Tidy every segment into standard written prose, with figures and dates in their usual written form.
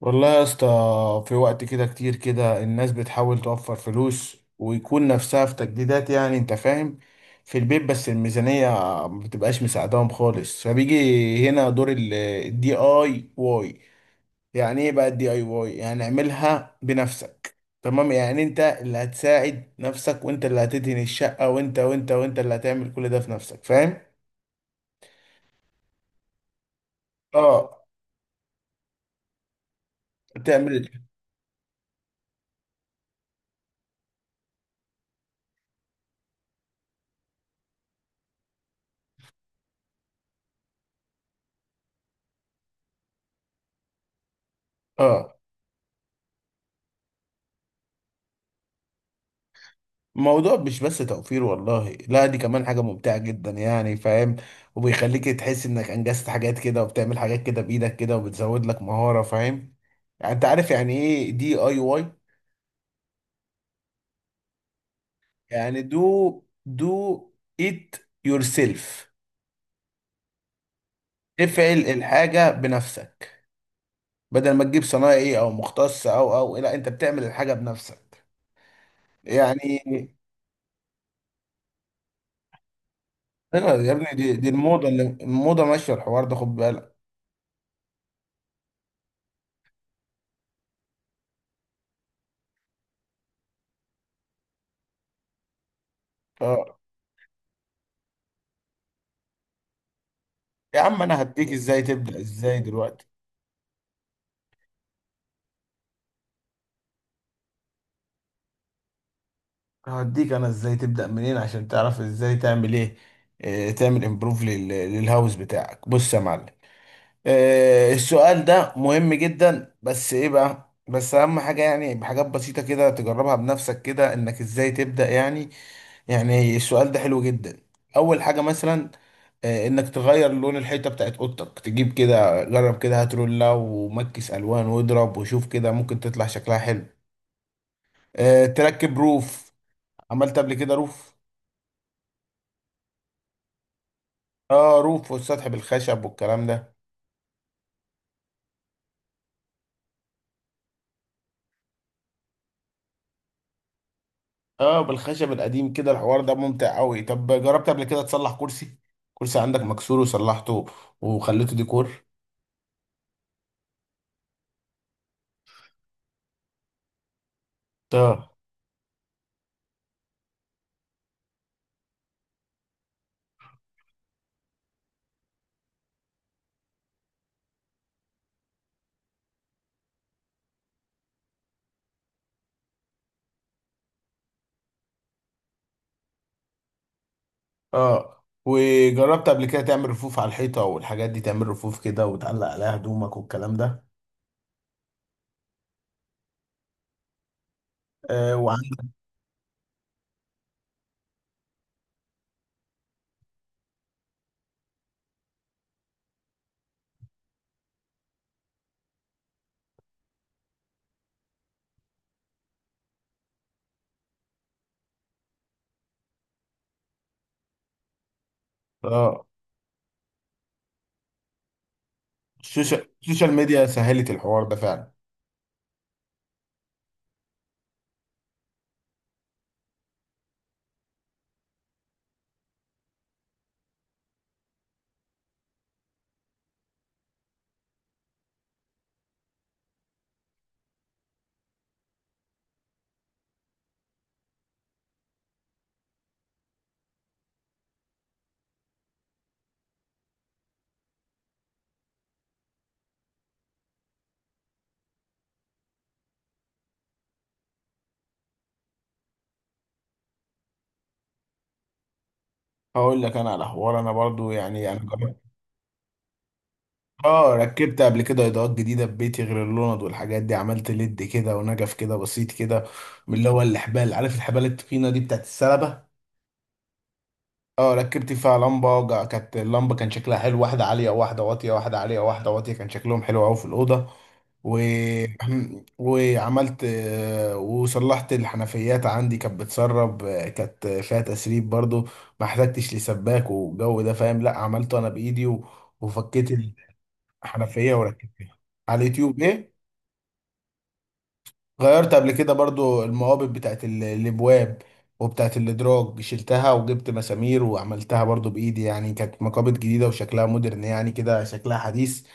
والله يا اسطى، في وقت كده كتير كده الناس بتحاول توفر فلوس ويكون نفسها في تجديدات، يعني انت فاهم، في البيت، بس الميزانية ما بتبقاش مساعداهم خالص، فبيجي هنا دور الدي اي واي. يعني ايه بقى الدي اي واي؟ يعني اعملها بنفسك، تمام؟ يعني انت اللي هتساعد نفسك، وانت اللي هتدهن الشقة، وانت اللي هتعمل كل ده في نفسك، فاهم؟ اه. تعمل. اه. الموضوع مش بس توفير، والله لا، دي كمان حاجة ممتعة جدا يعني، فاهم؟ وبيخليك تحس انك انجزت حاجات كده، وبتعمل حاجات كده بايدك كده، وبتزود لك مهارة، فاهم؟ يعني انت عارف يعني ايه دي اي واي؟ يعني دو ات يور سيلف، افعل الحاجة بنفسك. بدل ما تجيب صنايعي او مختص او لا، انت بتعمل الحاجة بنفسك يعني. ايوه يا ابني، دي الموضة، الموضة ماشية، الحوار ده خد بالك. آه. يا عم انا هديك ازاي تبدأ ازاي دلوقتي، هديك انا ازاي تبدأ منين عشان تعرف ازاي تعمل ايه؟ تعمل امبروف للهاوس بتاعك. بص يا معلم، السؤال ده مهم جدا، بس ايه بقى، بس اهم حاجة يعني بحاجات بسيطة كده تجربها بنفسك كده، انك ازاي تبدأ يعني. يعني السؤال ده حلو جدا. اول حاجة مثلا، انك تغير لون الحيطه بتاعت اوضتك، تجيب كده، جرب كده، هات رولة ومكس الوان واضرب وشوف كده، ممكن تطلع شكلها حلو. تركب روف. عملت قبل كده روف؟ اه، روف والسطح بالخشب والكلام ده. اه، بالخشب القديم كده، الحوار ده ممتع قوي. طب جربت قبل كده تصلح كرسي؟ كرسي عندك مكسور وصلحته وخليته ديكور؟ اه. اه. وجربت قبل كده تعمل رفوف على الحيطة والحاجات دي، تعمل رفوف كده وتعلق عليها هدومك والكلام ده؟ آه. اه، السوشيال ميديا سهلت الحوار ده فعلا. هقول لك انا على حوار، انا برضو يعني انا جربت. اه، ركبت قبل كده اضاءات جديده في بيتي غير اللوند والحاجات دي، عملت ليد كده ونجف كده بسيط كده، من اللي هو الحبال، عارف الحبال التخينه دي بتاعت السلبه؟ اه، ركبت فيها لمبه. كانت اللمبه كان شكلها حلو، واحده عاليه وواحده واطيه، واحده عاليه وواحده واطيه، كان شكلهم حلو قوي في الاوضه. و... وعملت آه، وصلحت الحنفيات، عندي كانت بتسرب، كانت فيها تسريب برضو، ما احتجتش لسباك والجو ده، فاهم؟ لا، عملته انا بايدي. وفكيت حنفية وركبتها، على اليوتيوب، ايه. غيرت قبل كده برضو المقابض بتاعت الابواب وبتاعت الادراج، شلتها وجبت مسامير وعملتها برضو بايدي يعني، كانت مقابض جديدة وشكلها مودرن يعني كده، شكلها حديث.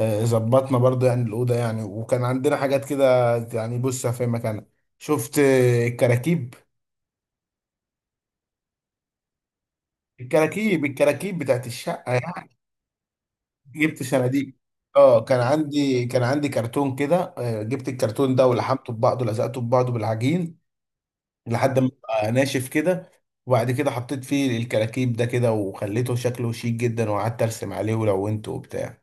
ظبطنا برضو يعني الأوضة يعني، وكان عندنا حاجات كده يعني بص في مكانها. شفت الكراكيب، الكراكيب بتاعت الشقة يعني، جبت صناديق. اه، كان عندي كرتون كده، جبت الكرتون ده ولحمته ببعضه، لزقته ببعضه بالعجين لحد ما بقى ناشف كده. وبعد كده حطيت فيه الكراكيب ده كده وخليته شكله شيك جدا، وقعدت ارسم عليه ولونته وبتاع.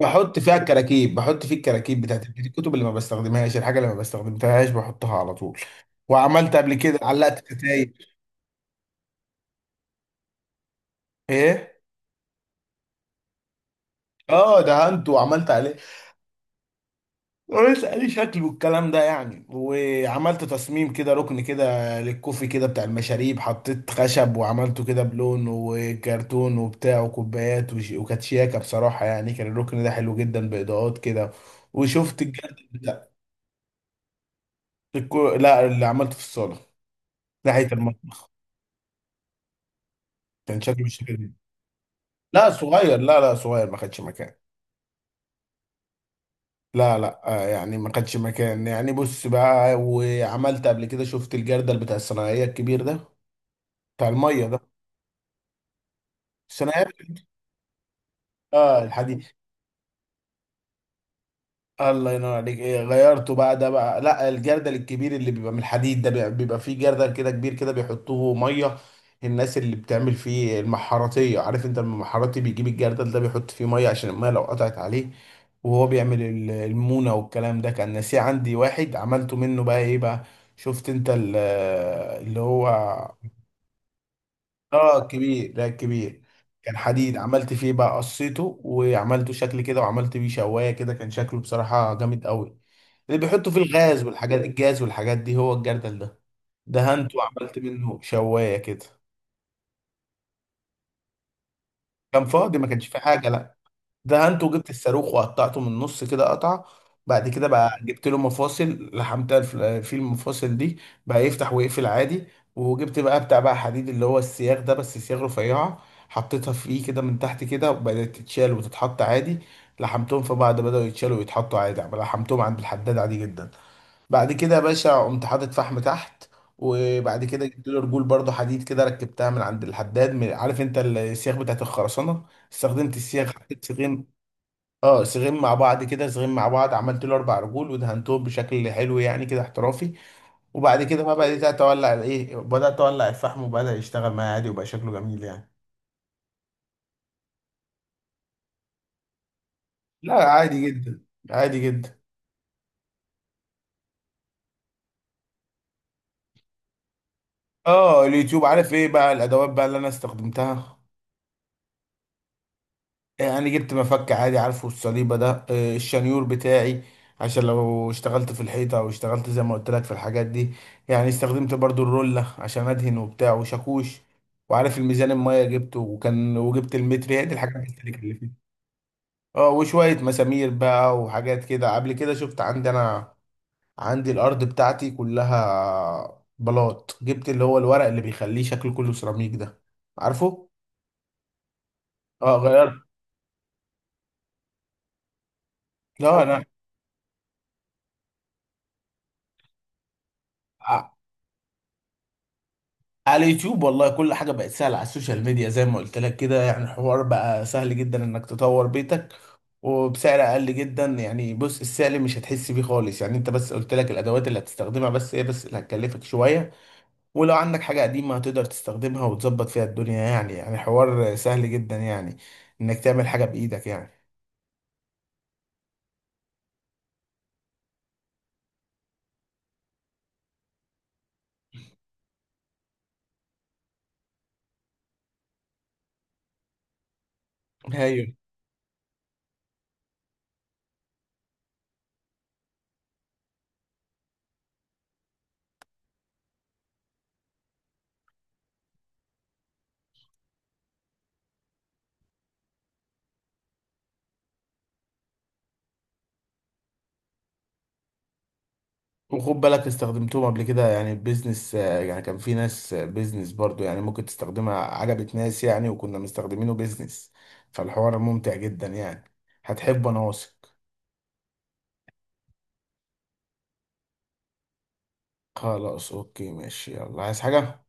بحط فيها الكراكيب، بحط فيه الكراكيب بتاعت الكتب اللي ما بستخدمهاش، الحاجه اللي ما بستخدمتهاش بحطها على طول. وعملت قبل كده، علقت كتايب. ايه، اه، دهنت وعملت عليه، ولسه لي شكل والكلام ده يعني. وعملت تصميم كده، ركن كده للكوفي كده بتاع المشاريب، حطيت خشب وعملته كده بلون وكرتون وبتاع وكوبايات وكانت شياكة بصراحة يعني، كان الركن ده حلو جدا بإضاءات كده. وشفت الجرد بتاع لا، اللي عملته في الصالة ناحية المطبخ. كان شكله بالشكل ده، لا، صغير، لا لا، صغير، ما خدش مكان. لا لا، يعني ما خدش مكان يعني، بص بقى. وعملت قبل كده، شفت الجردل بتاع الصناعية الكبير ده بتاع المية ده؟ بس انا عارف، اه، الحديد، الله ينور عليك. إيه غيرته بقى ده بقى؟ لا، الجردل الكبير اللي بيبقى من الحديد ده، بيبقى فيه جردل كده كبير كده بيحطوه ميه. الناس اللي بتعمل فيه المحاراتيه، عارف انت المحاراتي بيجيب الجردل ده بيحط فيه ميه عشان الميه لو قطعت عليه وهو بيعمل المونه والكلام ده، كان ناسيه عندي واحد، عملته منه بقى ايه بقى. شفت انت اللي هو، اه، كبير ده كبير. كان حديد، عملت فيه بقى، قصيته وعملته شكل كده، وعملت بيه شوايه كده، كان شكله بصراحه جامد قوي. اللي بيحطوا فيه الغاز والحاجات، الجاز والحاجات دي، هو الجردل ده. دهنته وعملت منه شوايه كده، كان فاضي ما كانش فيه حاجه. لا، ده انتوا، جبت الصاروخ وقطعته من النص كده، قطعه. بعد كده بقى جبت له مفاصل، لحمتها. في المفاصل دي، بقى يفتح ويقفل عادي. وجبت بقى بتاع بقى حديد، اللي هو السياخ ده، بس سياخ رفيعه، حطيتها فيه كده من تحت كده، وبدات تتشال وتتحط عادي. لحمتهم في بعض، بدأوا يتشالوا ويتحطوا عادي، لحمتهم عند الحداد عادي جدا. بعد كده يا باشا، قمت حاطط فحم تحت. وبعد كده جبت له رجول برضه حديد كده، ركبتها من عند الحداد، من، عارف انت السياخ بتاعت الخرسانه؟ استخدمت السياخ، حطيت سيخين، اه، صغير مع بعض كده، صغير مع بعض، عملت له اربع رجول ودهنتهم بشكل حلو يعني كده احترافي. وبعد كده ما بدات اتولع الفحم، وبدا يشتغل معايا عادي، وبقى شكله جميل يعني. لا، عادي جدا، عادي جدا. اه، اليوتيوب. عارف ايه بقى الادوات بقى اللي انا استخدمتها؟ يعني جبت مفك عادي، عارفه الصليبة ده، الشنيور بتاعي، عشان لو اشتغلت في الحيطة او اشتغلت زي ما قلت لك في الحاجات دي يعني. استخدمت برضو الرولة عشان ادهن وبتاع، وشاكوش، وعارف الميزان المية جبته، وكان، وجبت المتر، هي دي الحاجات البسيطة اللي فيه. اه، وشوية مسامير بقى وحاجات كده. قبل كده شفت، عندي انا عندي الارض بتاعتي كلها بلاط، جبت اللي هو الورق اللي بيخليه شكله كله سيراميك ده، عارفه؟ اه، غيرت. لا، انا على اليوتيوب والله، كل حاجة بقت سهلة على السوشيال ميديا، زي ما قلت لك كده يعني، الحوار بقى سهل جدا انك تطور بيتك، وبسعر اقل جدا يعني. بص، السعر مش هتحس بيه خالص يعني، انت بس قلت لك الادوات اللي هتستخدمها، بس هي بس اللي هتكلفك شوية. ولو عندك حاجة قديمة هتقدر تستخدمها وتظبط فيها الدنيا يعني، يعني حوار سهل جدا يعني، انك تعمل حاجة بايدك يعني. ايوه، وخد بالك استخدمتهم قبل كده يعني بيزنس يعني، كان في ناس بيزنس برضو يعني ممكن تستخدمها، عجبت ناس يعني، وكنا مستخدمينه بيزنس، فالحوار ممتع جدا يعني، هتحبه، انا واثق. خلاص اوكي ماشي، يلا، عايز حاجة؟